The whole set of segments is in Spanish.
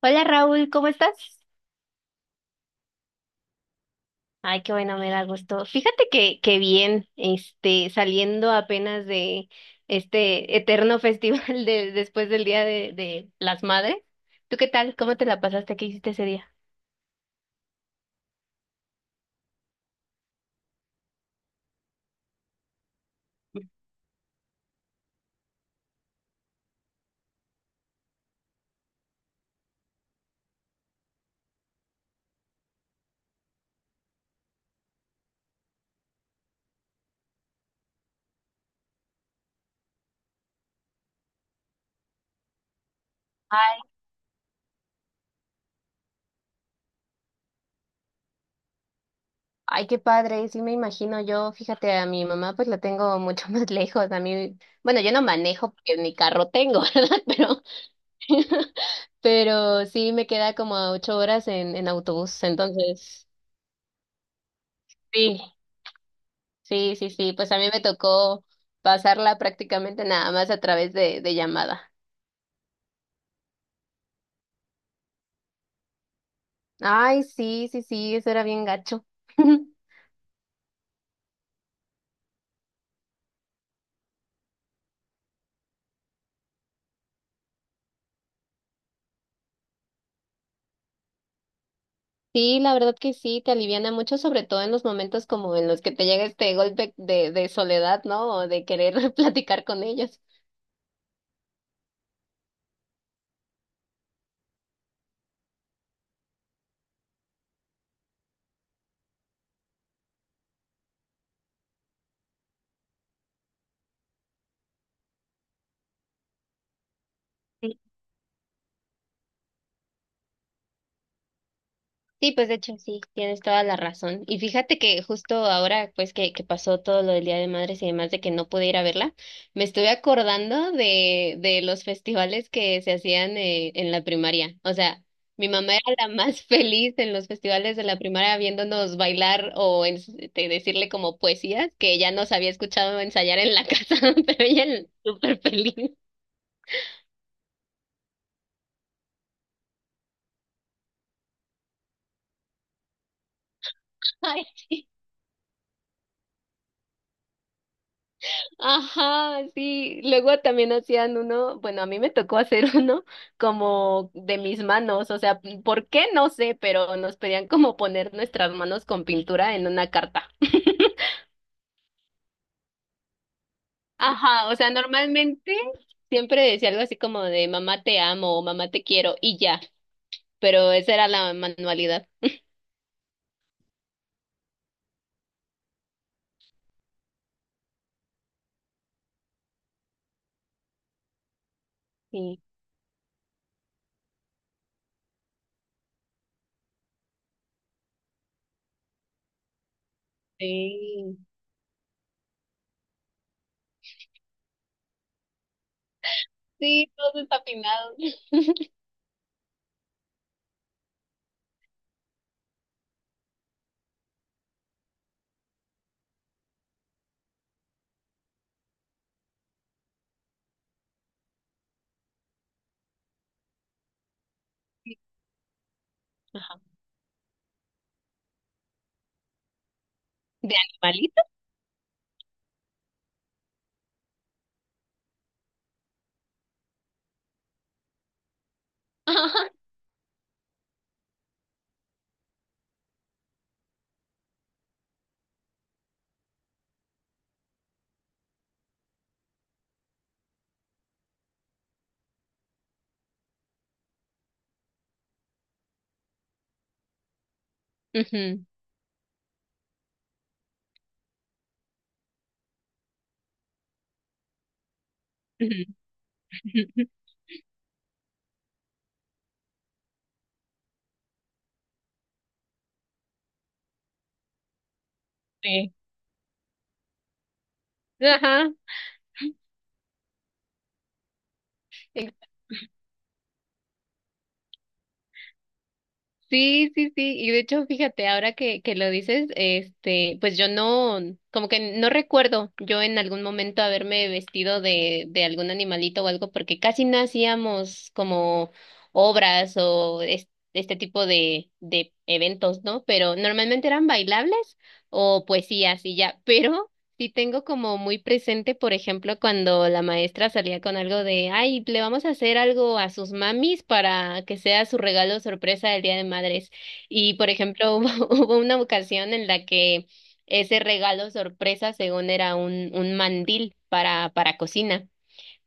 Hola Raúl, ¿cómo estás? Ay, qué bueno, me da gusto. Fíjate que bien, saliendo apenas de este eterno festival de, después del Día de las Madres. ¿Tú qué tal? ¿Cómo te la pasaste? ¿Qué hiciste ese día? Ay, ay, qué padre, sí me imagino yo, fíjate, a mi mamá pues la tengo mucho más lejos, a mí, bueno, yo no manejo porque ni carro tengo, ¿verdad? Pero, pero sí me queda como a 8 horas en autobús, entonces, sí. Sí, sí, sí, pues a mí me tocó pasarla prácticamente nada más a través de llamada. Ay, sí, sí, sí, eso era bien gacho. Sí, la verdad que sí, te aliviana mucho, sobre todo en los momentos como en los que te llega este golpe de soledad, ¿no? O de querer platicar con ellos. Sí, pues de hecho sí, tienes toda la razón. Y fíjate que justo ahora, pues que pasó todo lo del Día de Madres y demás de que no pude ir a verla, me estuve acordando de los festivales que se hacían en la primaria. O sea, mi mamá era la más feliz en los festivales de la primaria viéndonos bailar o decirle como poesías que ya nos había escuchado ensayar en la casa, pero ella súper feliz. Ajá, sí. Luego también hacían uno, bueno, a mí me tocó hacer uno como de mis manos, o sea, ¿por qué? No sé, pero nos pedían como poner nuestras manos con pintura en una carta. Ajá, o sea, normalmente siempre decía algo así como de mamá te amo o mamá te quiero y ya, pero esa era la manualidad. Sí, sí, sí, todos desafinados. Ajá. ¿De animalito? Ajá. Ujú, ujú, ujú, ujú. Sí. Ajá. Sí, sí, sí. Y de hecho, fíjate, ahora que lo dices, pues yo no, como que no recuerdo yo en algún momento haberme vestido de algún animalito o algo, porque casi no hacíamos como obras o este tipo de eventos, ¿no? Pero normalmente eran bailables o poesías y ya. Pero sí tengo como muy presente, por ejemplo, cuando la maestra salía con algo de, ay, le vamos a hacer algo a sus mamis para que sea su regalo sorpresa del Día de Madres. Y, por ejemplo, hubo una ocasión en la que ese regalo sorpresa, según era un mandil para cocina.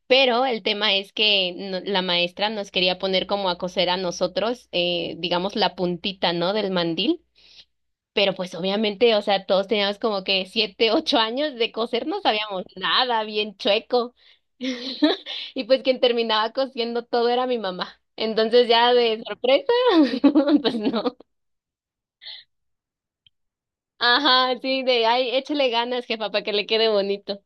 Pero el tema es que la maestra nos quería poner como a coser a nosotros, digamos, la puntita, ¿no? Del mandil. Pero pues obviamente, o sea, todos teníamos como que 7, 8 años de coser, no sabíamos nada, bien chueco. Y pues quien terminaba cosiendo todo era mi mamá. Entonces ya de sorpresa, pues no. Ajá, sí, de, ay, échale ganas, jefa, para que le quede bonito.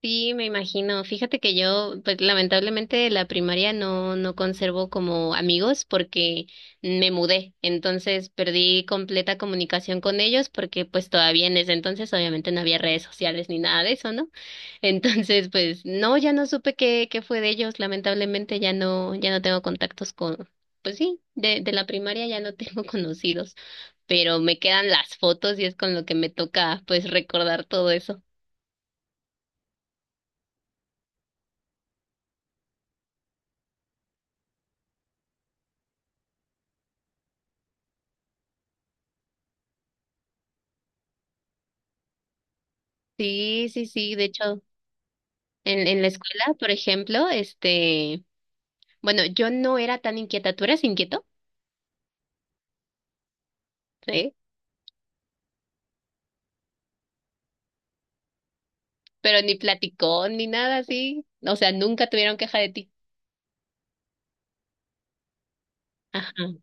Sí, me imagino. Fíjate que yo, pues lamentablemente de la primaria no conservo como amigos porque me mudé. Entonces perdí completa comunicación con ellos porque pues todavía en ese entonces obviamente no había redes sociales ni nada de eso, ¿no? Entonces, pues no, ya no supe qué fue de ellos. Lamentablemente ya no tengo contactos con, pues sí, de la primaria ya no tengo conocidos, pero me quedan las fotos y es con lo que me toca pues recordar todo eso. Sí, sí, sí, de hecho. En la escuela, por ejemplo, bueno, yo no era tan inquieta, tú eras inquieto, ¿sí? Pero ni platicó ni nada así, o sea, nunca tuvieron queja de ti. Ajá.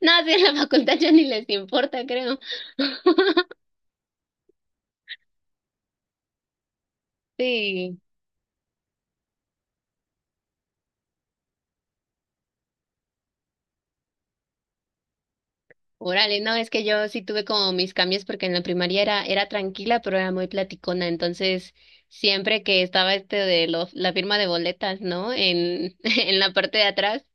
No, sí, en la facultad ya ni les importa, creo. Sí. Órale, no, es que yo sí tuve como mis cambios porque en la primaria era, era tranquila, pero era muy platicona. Entonces, siempre que estaba de la firma de boletas, ¿no? En, en la parte de atrás,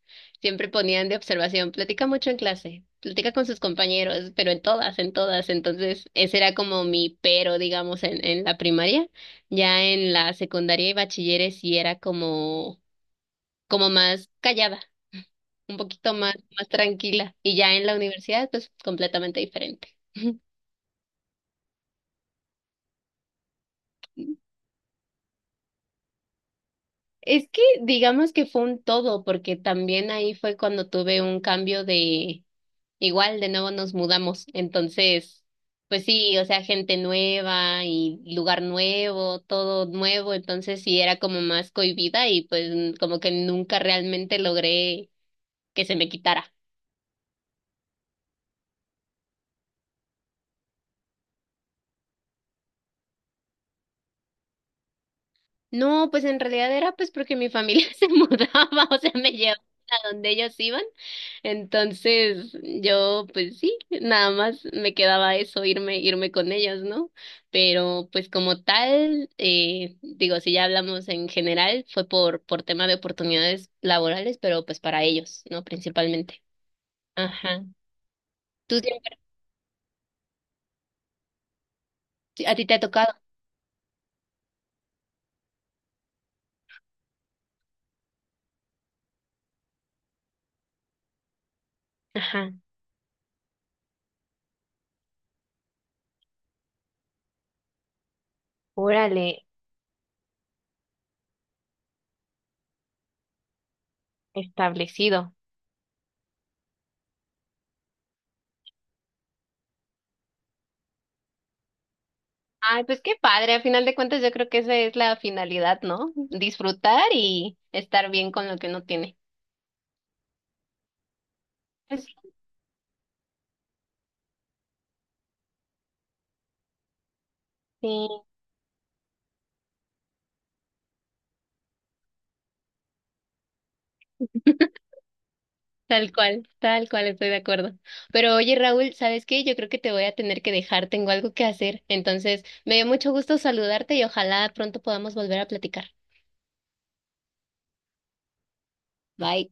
siempre ponían de observación, platica mucho en clase, platica con sus compañeros, pero en todas, en todas. Entonces, ese era como mi pero, digamos, en la primaria. Ya en la secundaria y bachilleres sí era como más callada, un poquito más, más tranquila. Y ya en la universidad, pues completamente diferente. Es que digamos que fue un todo, porque también ahí fue cuando tuve un cambio de, igual, de nuevo nos mudamos. Entonces, pues sí, o sea, gente nueva y lugar nuevo, todo nuevo. Entonces sí era como más cohibida y pues como que nunca realmente logré que se me quitara. No, pues en realidad era pues porque mi familia se mudaba, o sea, me llevaba a donde ellos iban. Entonces, yo pues sí, nada más me quedaba eso, irme, irme con ellos, ¿no? Pero pues como tal, digo, si ya hablamos en general, fue por tema de oportunidades laborales, pero pues para ellos, ¿no? Principalmente. Ajá. Tú siempre, a ti te ha tocado. Ajá. Órale, establecido. Ay, pues qué padre. A final de cuentas, yo creo que esa es la finalidad, ¿no? Disfrutar y estar bien con lo que uno tiene. Pues sí, tal cual, estoy de acuerdo. Pero oye, Raúl, ¿sabes qué? Yo creo que te voy a tener que dejar, tengo algo que hacer. Entonces, me dio mucho gusto saludarte y ojalá pronto podamos volver a platicar. Bye.